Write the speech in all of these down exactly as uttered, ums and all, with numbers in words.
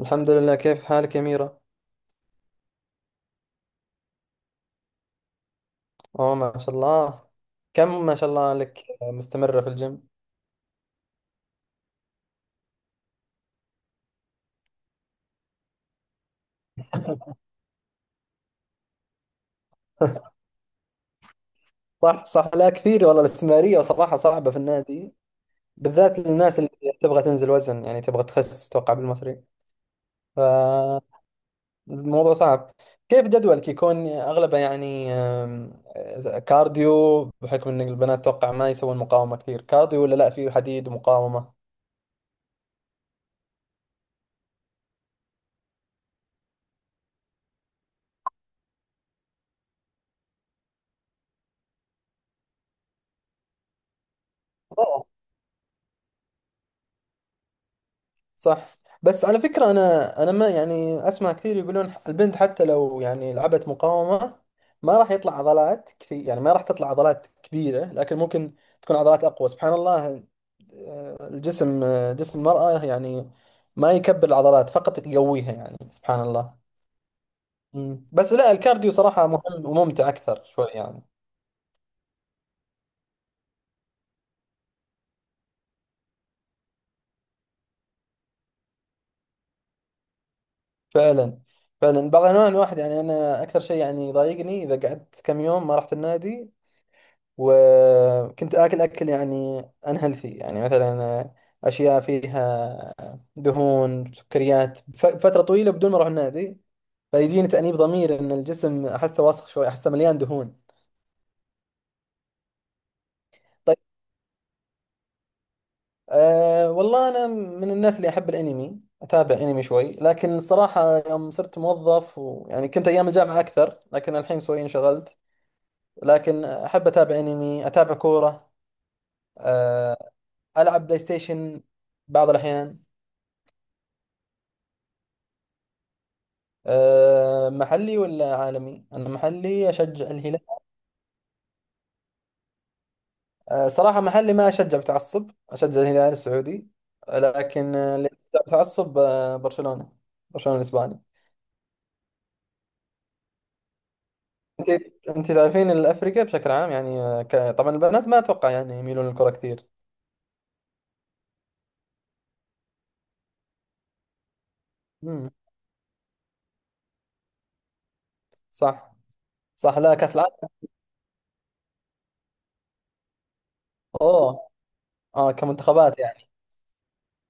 الحمد لله، كيف حالك يا ميرا؟ اوه، ما شاء الله. كم ما شاء الله لك مستمرة في الجيم. صح صح، لا كثير والله، الاستمرارية صراحة صعبة في النادي، بالذات للناس اللي تبغى تنزل وزن، يعني تبغى تخس توقع بالمصري، فالموضوع صعب. كيف جدولك يكون اغلبه يعني أم، كارديو، بحكم ان البنات توقع ما يسوون مقاومة كثير، كارديو ولا لا فيه حديد ومقاومة؟ صح. بس على فكرة أنا أنا ما يعني أسمع كثير يقولون البنت حتى لو يعني لعبت مقاومة ما راح يطلع عضلات كثير، يعني ما راح تطلع عضلات كبيرة لكن ممكن تكون عضلات أقوى سبحان الله. آه، الجسم، آه، جسم المرأة يعني ما يكبر العضلات فقط يقويها، يعني سبحان الله. مم. بس لا الكارديو صراحة مهم وممتع أكثر شوي يعني. فعلا فعلا، بعض الأحيان الواحد يعني أنا أكثر شيء يعني يضايقني إذا قعدت كم يوم ما رحت النادي وكنت آكل أكل يعني unhealthy، يعني مثلا أشياء فيها دهون سكريات ف- فترة طويلة بدون ما أروح النادي، فيجيني تأنيب ضمير إن الجسم أحسه وسخ شوي، أحسه مليان دهون. طيب، أه والله أنا من الناس اللي أحب الأنمي، أتابع أنمي شوي، لكن الصراحة يوم صرت موظف ويعني كنت أيام الجامعة أكثر لكن الحين شوي انشغلت، لكن أحب أتابع أنمي أتابع كورة. أه، ألعب بلاي ستيشن بعض الأحيان. أه محلي ولا عالمي؟ أنا محلي أشجع الهلال. أه صراحة محلي ما أشجع بتعصب، أشجع الهلال السعودي. أه، لكن أه، اللي أشجع بتعصب أه، برشلونة، برشلونة الإسباني. أنت أنت تعرفين الأفريقيا بشكل عام يعني، أه، ك- طبعا البنات ما أتوقع يعني يميلون للكرة كثير. امم، صح صح، لا كأس العالم. أوه. آه، كمنتخبات يعني.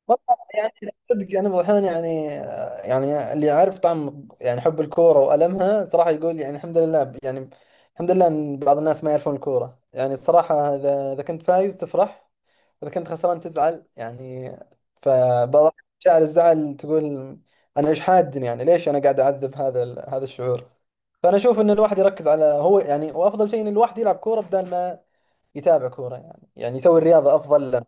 والله يعني صدق انا بعض الاحيان يعني، يعني اللي عارف طعم يعني حب الكوره والمها صراحه يقول يعني الحمد لله، يعني الحمد لله ان بعض الناس ما يعرفون الكوره يعني صراحه. اذا اذا كنت فايز تفرح، اذا كنت خسران تزعل يعني. فبعض شاعر الزعل تقول انا ايش حادني يعني ليش انا قاعد اعذب هذا ال- هذا الشعور. فانا اشوف ان الواحد يركز على هو يعني، وافضل شيء ان الواحد يلعب كوره بدل ما يتابع كوره، يعني يعني يسوي الرياضه افضل له.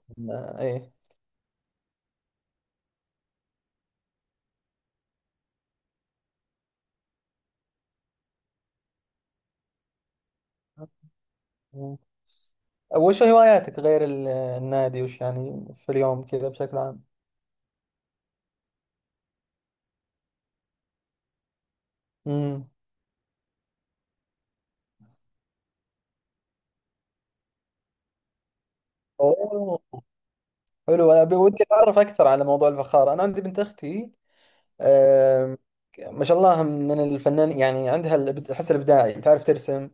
ايه، وش هواياتك غير ال- النادي، وش يعني في اليوم كذا بشكل عام. امم، اوه، حلو. انا ودي اتعرف اكثر على موضوع الفخار، انا عندي بنت اختي. آم، ما شاء الله من الفنان يعني عندها الإب- الحس الابداعي، تعرف ترسم.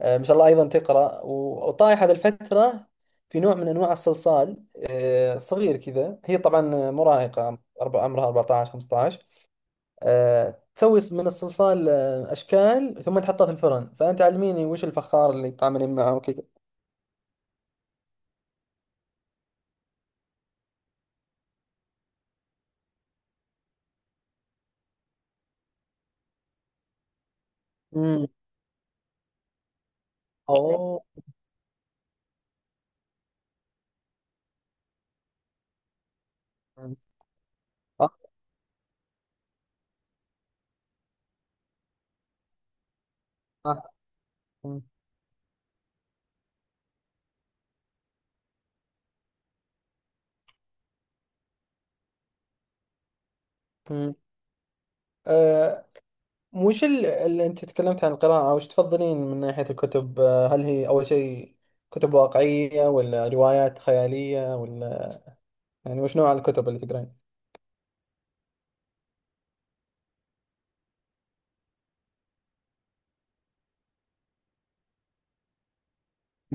آه، ما شاء الله ايضا تقرا و- وطايحه هذه الفتره في نوع من انواع الصلصال، آه، صغير كذا. هي طبعا مراهقه، أربع- عمرها أربعتاشر خمستاشر. آه، تسوي من الصلصال آه، اشكال ثم تحطها في الفرن. فانت علميني وش الفخار اللي تعاملين معه وكذا. امم، اوه، مم. آه، آه، مم، مم. آه، وش ال- اللي انت تكلمت عن القراءة، وش تفضلين من ناحية الكتب؟ آه، هل هي اول شيء كتب واقعية ولا روايات خيالية ولا، يعني وش نوع الكتب اللي تقرين؟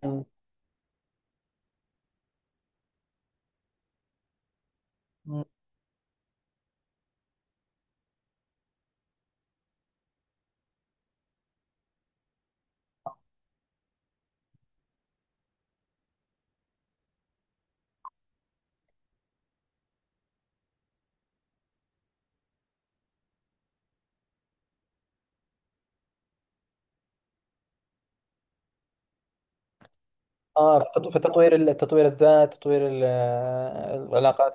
مم. مم. اه في تطو- في تطوير ال- تطوير الذات، تطوير ال- آه، العلاقات.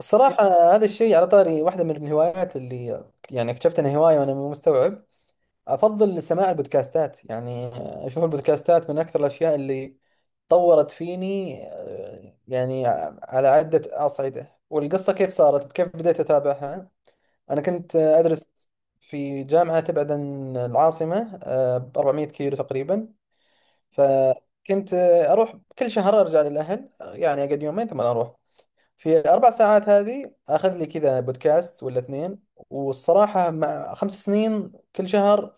الصراحة هذا الشيء على طاري واحدة من الهوايات اللي يعني اكتشفت انها هواية وانا مو مستوعب، افضل سماع البودكاستات يعني. اشوف البودكاستات من اكثر الاشياء اللي طورت فيني، آه، يعني على عدة اصعدة. والقصة كيف صارت، كيف بديت اتابعها: انا كنت ادرس في جامعة تبعد عن العاصمة ب أربعمية كيلو تقريبا، فكنت آه، اروح كل شهر ارجع للاهل، آه، يعني اقعد يومين ثم اروح. في أربع ساعات هذه أخذ لي كذا بودكاست ولا اثنين. والصراحة مع خمس سنين كل شهر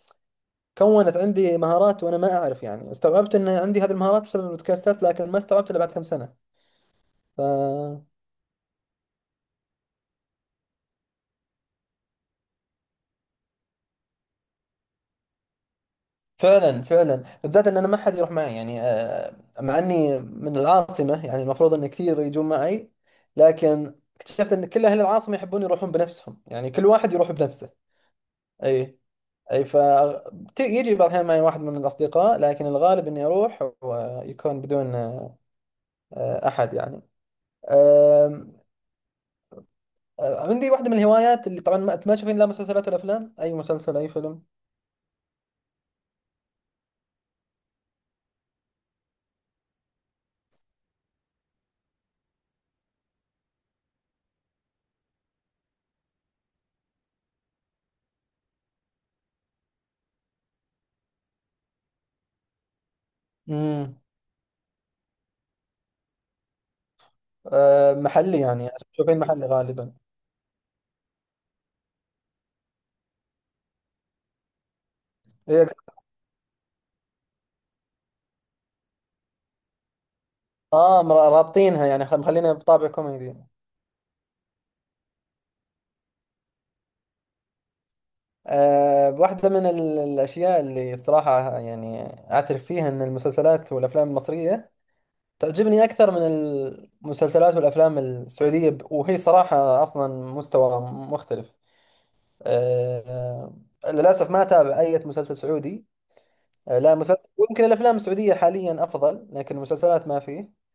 كونت عندي مهارات وأنا ما أعرف، يعني استوعبت أن عندي هذه المهارات بسبب البودكاستات لكن ما استوعبت إلا بعد كم سنة. ف... فعلا فعلا بالذات أن أنا ما حد يروح معي يعني، آه، مع أني من العاصمة يعني المفروض أن كثير يجون معي، لكن اكتشفت أن كل أهل العاصمة يحبون يروحون بنفسهم، يعني كل واحد يروح بنفسه. أي، اي ف، يجي بعض الاحيان معي واحد من الاصدقاء لكن الغالب اني اروح ويكون بدون آه، احد يعني. آم، آه، عندي واحده من الهوايات، اللي طبعا ما ما تشوفين لا مسلسلات ولا افلام، اي مسلسل اي فيلم. امم، محلي يعني تشوفين محلي غالبا؟ إيه، اه مرا- رابطينها يعني خ- مخلينها بطابع كوميدي. آه، واحدة من ال- الأشياء اللي صراحة يعني أعترف فيها أن المسلسلات والأفلام المصرية تعجبني أكثر من المسلسلات والأفلام السعودية، ب- وهي صراحة أصلا مستوى مختلف. أه، آه، للأسف ما أتابع أي مسلسل سعودي. أه لا مسلسل، ويمكن الأفلام السعودية حاليا أفضل لكن المسلسلات ما فيه.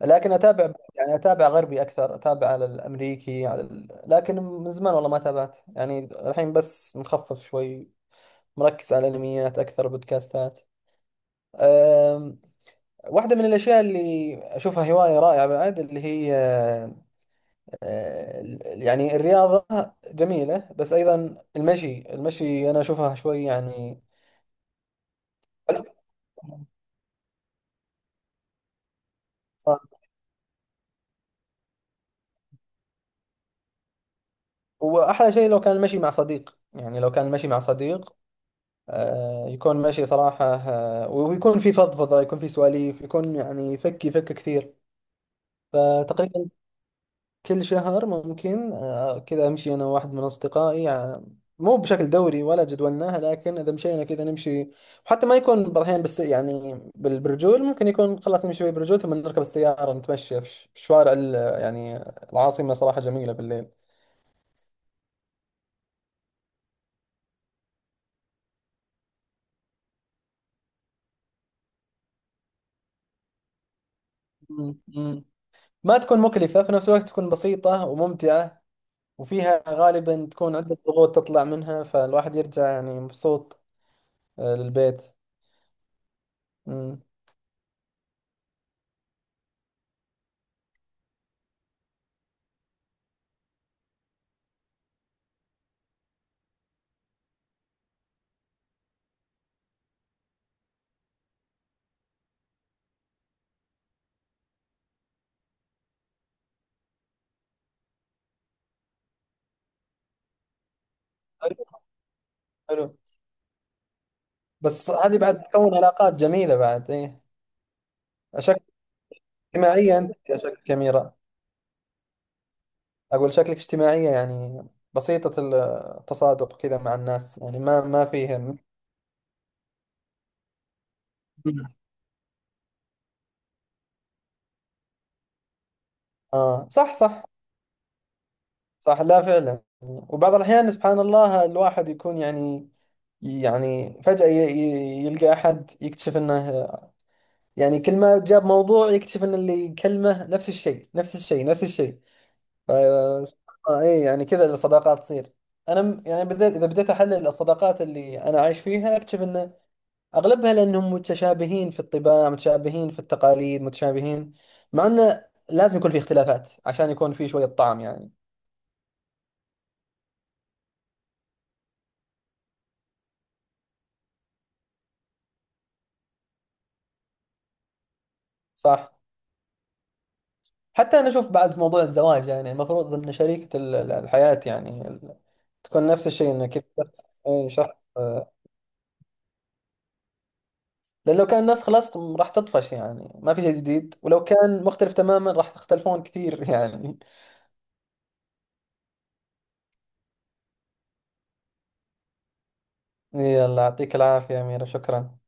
لكن أتابع يعني أتابع غربي أكثر، أتابع على الأمريكي على ال... لكن من زمان والله ما تابعت يعني. الحين بس مخفف شوي، مركز على الأنميات أكثر، بودكاستات. أه، واحدة من الأشياء اللي أشوفها هواية رائعة بعد، اللي هي آه، يعني الرياضة جميلة، بس أيضا المشي، المشي أنا أشوفها شوي يعني. وأحلى شيء لو كان المشي مع صديق، يعني لو كان المشي مع صديق آه، يكون مشي صراحة، آه، ويكون في فضفضة يكون في سواليف، يكون يعني يفك يفك كثير. فتقريبا كل شهر ممكن آه، كذا امشي انا واحد من اصدقائي، آه، مو بشكل دوري ولا جدولناها لكن اذا مشينا كذا نمشي. وحتى ما يكون، بعض الاحيان بس يعني بال- بالرجول، ممكن يكون خلاص نمشي شوي بالرجول ثم نركب السياره نتمشى في ش- في شوارع ال- يعني العاصمه، صراحه جميله بالليل. مم. مم. ما تكون مكلفه، في نفس الوقت تكون بسيطه وممتعه، وفيها غالبا تكون عده ضغوط تطلع منها فالواحد يرجع يعني مبسوط، آه، للبيت. مم. حلو حلو، بس هذه بعد تكون علاقات جميلة بعد ايه. شكل اجتماعية انت يا، شكل كاميرا، اقول شكلك اجتماعية يعني بسيطة، التصادق كذا مع الناس يعني ما ما فيه. اه صح صح. صح لا فعلا، وبعض الأحيان سبحان الله الواحد يكون يعني، يعني فجأة ي- ي- يلقى أحد يكتشف أنه يعني كل ما جاب موضوع يكتشف أن اللي يكلمه نفس الشيء نفس الشيء نفس الشيء. فسبحان الله، اي يعني كذا الصداقات تصير. انا م- يعني بديت، اذا بديت احلل الصداقات اللي انا عايش فيها اكتشف ان اغلبها لانهم متشابهين في الطباع متشابهين في التقاليد متشابهين، مع انه لازم يكون في اختلافات عشان يكون في شوية طعم يعني. صح. حتى انا اشوف بعد موضوع الزواج، يعني المفروض ان شريكة ال- ال- الحياة يعني ال- تكون نفس الشيء، انه كذا شخص اي شخص. آه، لأن لو كان ناس خلاص راح تطفش يعني ما في شيء جديد، ولو كان مختلف تماما راح تختلفون كثير يعني. يلا يعطيك العافية يا أميرة، شكرا.